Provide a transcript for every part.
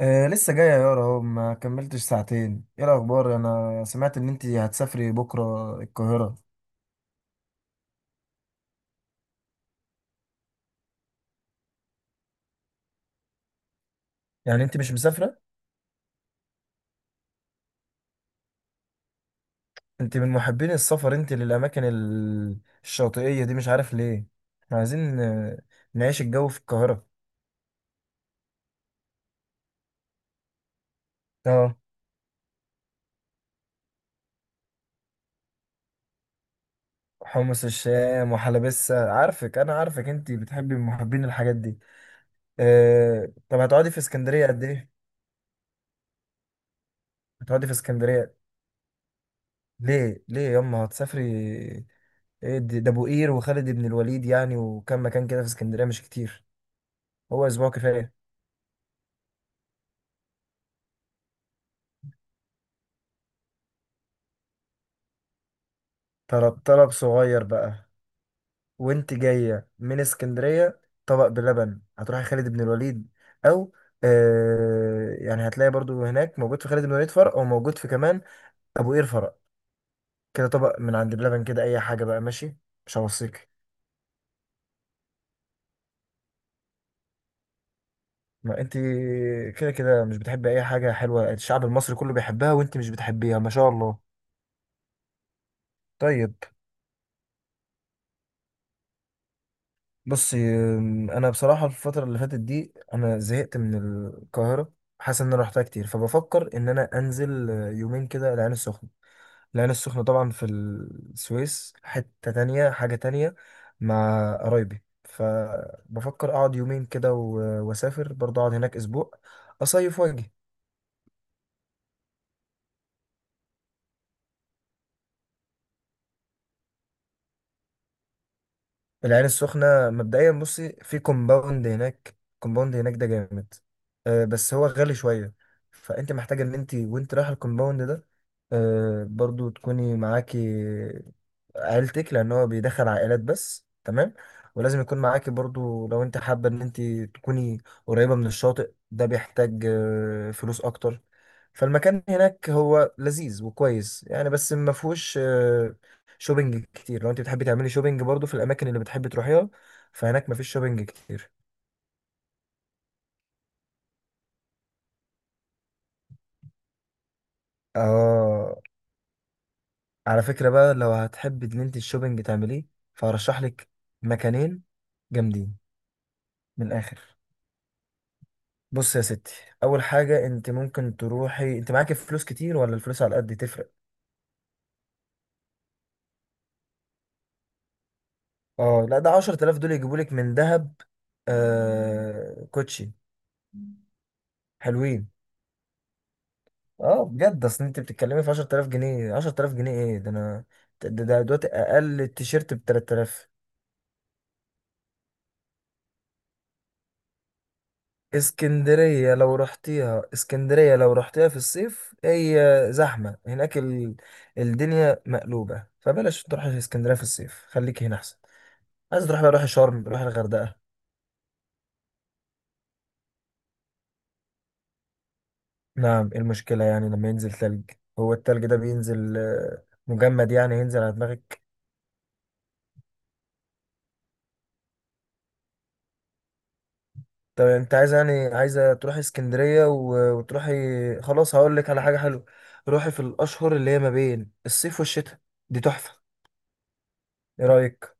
آه، لسه جاية يا يارا، اهو ما كملتش ساعتين. ايه الأخبار؟ أنا سمعت إن أنت هتسافري بكرة القاهرة. يعني أنت مش مسافرة؟ أنت من محبين السفر، أنت للأماكن الشاطئية دي، مش عارف ليه. احنا عايزين نعيش الجو في القاهرة. اه. حمص الشام وحلبسة. أنا عارفك، أنت بتحبي، من محبين الحاجات دي. آه، طب هتقعدي في اسكندرية قد إيه؟ هتقعدي في اسكندرية؟ ليه؟ ليه ياما هتسافري؟ إيه ده ابو قير وخالد بن الوليد يعني، وكم مكان كده في اسكندريه مش كتير. هو اسبوع كفايه. طلب طلب صغير بقى. وانت جايه من اسكندريه، طبق بلبن هتروحي خالد بن الوليد او، آه، يعني هتلاقي برضو هناك موجود في خالد بن الوليد فرع، او موجود في كمان ابو قير فرع. كده طبق من عند بلبن، كده اي حاجه بقى، ماشي، مش هوصيك. ما انت كده كده مش بتحبي اي حاجه حلوه، الشعب المصري كله بيحبها وانت مش بتحبيها، ما شاء الله. طيب. بص انا بصراحه الفتره اللي فاتت دي انا زهقت من القاهره. حاسس ان انا رحتها كتير، فبفكر ان انا انزل يومين كده العين السخنه. العين السخنه طبعا في السويس، حته تانية، حاجه تانية. مع قرايبي، فبفكر اقعد يومين كده واسافر برضه، اقعد هناك اسبوع، اصيف واجي. العين السخنة مبدئيا بصي، في كومباوند هناك، كومباوند هناك ده جامد. أه بس هو غالي شوية. فأنت محتاجة إن أنت، وأنت رايحة الكومباوند ده، أه برضو تكوني معاكي عيلتك، لان هو بيدخل عائلات بس، تمام. ولازم يكون معاكي برضو، لو انت حابة ان انت تكوني قريبة من الشاطئ، ده بيحتاج فلوس اكتر. فالمكان هناك هو لذيذ وكويس يعني، بس ما فيهوش شوبينج كتير. لو انت بتحبي تعملي شوبينج برضو في الاماكن اللي بتحبي تروحيها، فهناك ما فيش شوبينج كتير. اه، على فكرة بقى، لو هتحبي ان انت الشوبينج تعمليه، فهرشح لك مكانين جامدين من الاخر. بص يا ستي، اول حاجه، انت ممكن تروحي انت معاكي فلوس كتير، ولا الفلوس على قد تفرق. اه، لا ده 10000 دول يجيبوا لك من ذهب. كوتشي حلوين، اه، بجد. اصل انت بتتكلمي في 10000 جنيه، 10000 جنيه ايه ده؟ انا ده دلوقتي اقل تيشيرت ب 3000. اسكندريه لو رحتيها، اسكندريه لو رحتيها في الصيف، هي زحمه هناك، الدنيا مقلوبه، فبلاش تروحي اسكندريه في الصيف، خليكي هنا احسن. عايز تروحي بقى، روحي شرم، روحي الغردقه. نعم، ايه المشكلة يعني لما ينزل ثلج؟ هو الثلج ده بينزل مجمد يعني هينزل على دماغك؟ طب انت عايز يعني عايزة تروحي اسكندرية، وتروحي. خلاص، هقول لك على حاجة حلوة. روحي في الأشهر اللي هي ما بين الصيف والشتاء، دي تحفة. ايه رأيك؟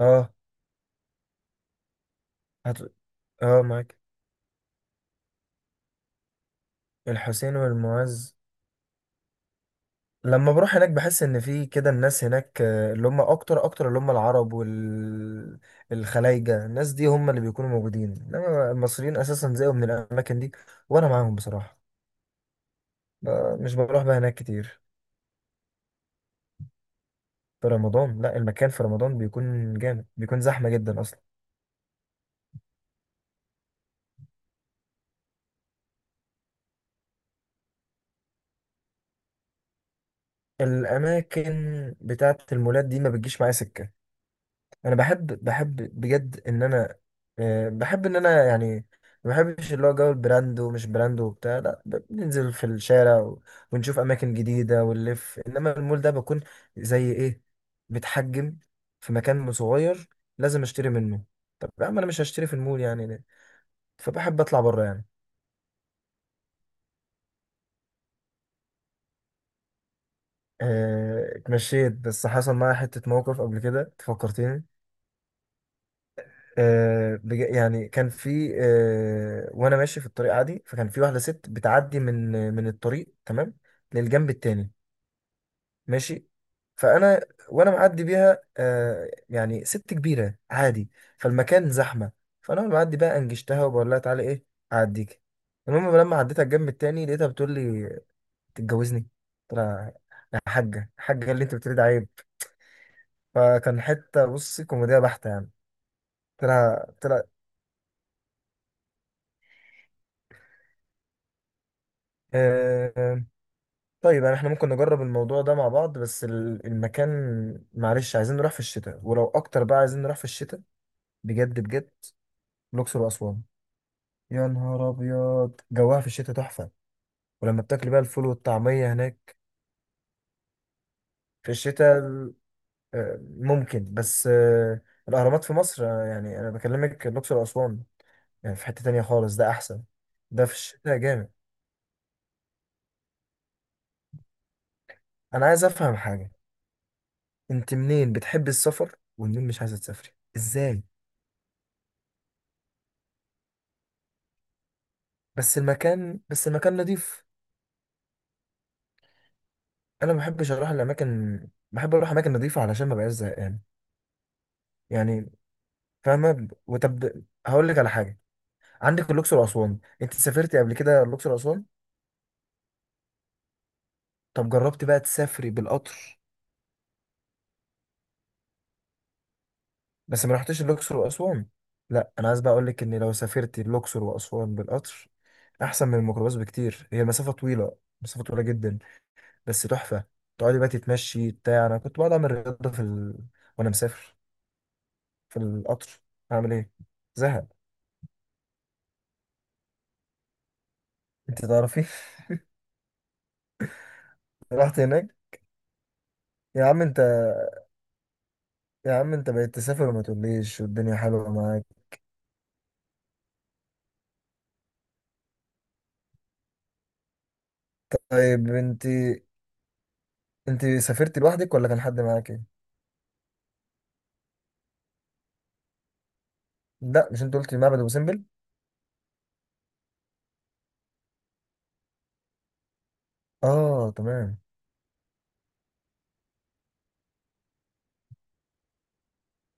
اه. هت... اه، معاك. الحسين والمعز. لما بروح هناك بحس ان في كده الناس هناك، اللي هم اكتر اكتر، اللي هم العرب والخلايجة، الناس دي هم اللي بيكونوا موجودين، انما المصريين اساسا زيهم من الاماكن دي، وانا معاهم بصراحة. مش بروح بقى هناك كتير في رمضان، لا المكان في رمضان بيكون جامد، بيكون زحمة جدا اصلا. الاماكن بتاعت المولات دي ما بتجيش معايا سكة. انا بحب بجد ان انا، بحب ان انا يعني، ما بحبش اللي هو جو البراند ومش براند وبتاع، لا، بننزل في الشارع ونشوف اماكن جديده ونلف، انما المول ده بكون، زي ايه، بتحجم في مكان صغير لازم اشتري منه. طب يا عم انا مش هشتري في المول يعني، ليه؟ فبحب اطلع بره يعني. اتمشيت، بس حصل معايا حته موقف قبل كده تفكرتني. يعني كان في، وانا ماشي في الطريق عادي، فكان في واحده ست بتعدي من الطريق، تمام، للجنب التاني، ماشي. فانا وانا معدي بيها، يعني ست كبيره عادي، فالمكان زحمه، فانا وانا معدي بقى انجشتها وبقول لها تعالي، ايه، اعديك. المهم لما عديتها الجنب التاني لقيتها بتقول لي تتجوزني. قلت لها يا حاجه حاجه، اللي انت بتريد عيب. فكان حته بصي كوميديا بحته يعني. قلت لها، آه، طيب، يعني احنا ممكن نجرب الموضوع ده مع بعض، بس المكان، معلش عايزين نروح في الشتاء، ولو اكتر بقى عايزين نروح في الشتاء بجد بجد. الاقصر واسوان يا نهار ابيض، جواها في الشتاء تحفه، ولما بتاكل بقى الفول والطعميه هناك في الشتاء ممكن بس، الاهرامات في مصر، يعني انا بكلمك الاقصر واسوان، يعني في حته تانية خالص، ده احسن. ده في الشتاء جامد. انا عايز افهم حاجه، انت منين بتحب السفر ومنين مش عايزه تسافري، ازاي؟ بس المكان نضيف. انا ما بحبش اروح الاماكن، بحب اروح اماكن نظيفه علشان ما بقاش زهقان، يعني. فاهمه؟ وطب هقول لك على حاجه، عندك الاقصر واسوان، انت سافرتي قبل كده الاقصر واسوان؟ طب جربتي بقى تسافري بالقطر؟ بس ما رحتيش الاقصر واسوان. لا انا عايز بقى اقول لك ان لو سافرتي الاقصر واسوان بالقطر، احسن من الميكروباص بكتير، هي مسافه طويله، مسافه طويله جدا، بس تحفه. تقعدي بقى تتمشي بتاع، انا كنت بقعد اعمل رياضه في وانا مسافر في القطر، اعمل ايه، زهق. انت تعرفي رحت هناك؟ يا عم انت يا عم انت بقيت تسافر وما تقوليش، والدنيا حلوه معاك. طيب انت سافرت لوحدك ولا كان حد معاك؟ لا، مش انت قلت معبد ابو سمبل؟ اه، تمام.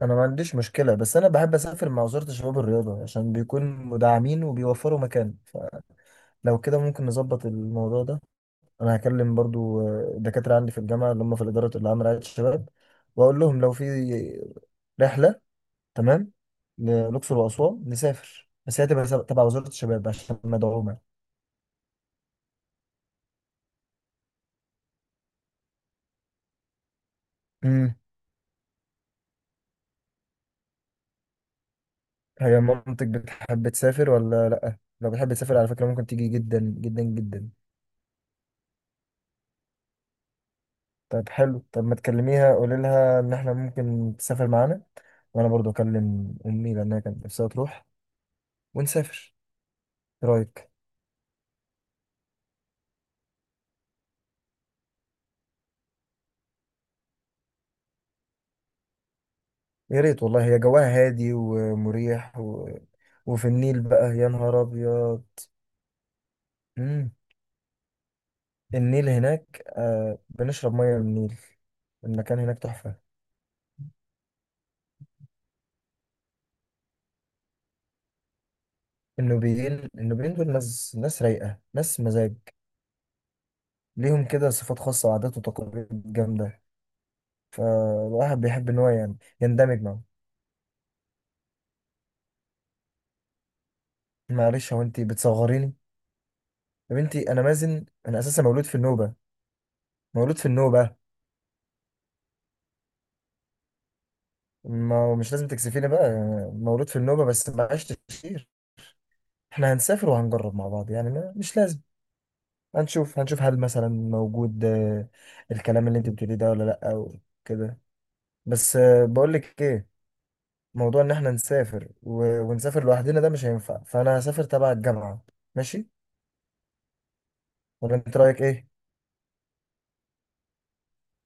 انا ما عنديش مشكله، بس انا بحب اسافر مع وزاره الشباب الرياضه، عشان بيكون مدعمين وبيوفروا مكان. فلو كده ممكن نظبط الموضوع ده. انا هكلم برضو الدكاتره عندي في الجامعه اللي هم في الاداره اللي عامله رعايه الشباب، واقول لهم لو في رحله، تمام، للأقصر وأسوان نسافر، بس هي تبقى تبع وزارة الشباب عشان مدعومة. امم هي مامتك بتحب تسافر ولا لأ؟ لو بتحب تسافر على فكرة ممكن تيجي، جدا جدا جدا. طب حلو، طب ما تكلميها قولي لها إن إحنا ممكن تسافر معانا، وأنا برضو أكلم أمي لأنها كانت نفسها تروح، ونسافر. إيه رأيك؟ يا ريت والله، هي جواها هادي ومريح وفي النيل بقى يا نهار أبيض. مم. النيل هناك آه بنشرب مية من النيل، المكان هناك تحفة. النوبيين دول ناس، ناس رايقة، ناس مزاج، ليهم كده صفات خاصة وعادات وتقاليد جامدة. فالواحد بيحب إن هو يعني يندمج معاهم. معلش، هو أنت بتصغريني؟ يا بنتي أنا مازن، أنا أساسا مولود في النوبة. مولود في النوبة. ما مش لازم تكسفيني بقى. مولود في النوبة بس ما عشتش كتير. إحنا هنسافر وهنجرب مع بعض، يعني ما مش لازم. هنشوف هل مثلا موجود، الكلام اللي انت بتقوليه ده، ولا لا، او كده. بس بقول لك ايه، موضوع ان احنا نسافر ونسافر لوحدنا ده مش هينفع، فانا هسافر تبع الجامعة. ماشي؟ ولا انت رايك ايه؟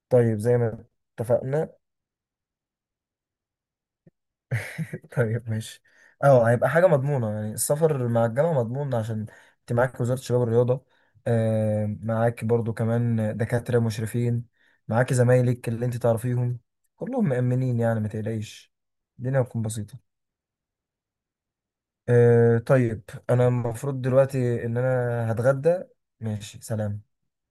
طيب زي ما اتفقنا. طيب ماشي. اه، هيبقى حاجة مضمونة يعني، السفر مع الجامعة مضمون، عشان انت معاك وزارة الشباب والرياضة، معاك برضو كمان دكاترة مشرفين، معاك زمايلك اللي انت تعرفيهم، كلهم مأمنين يعني ما تقلقيش، الدنيا هتكون بسيطة. طيب، انا المفروض دلوقتي ان انا هتغدى. ماشي سلام.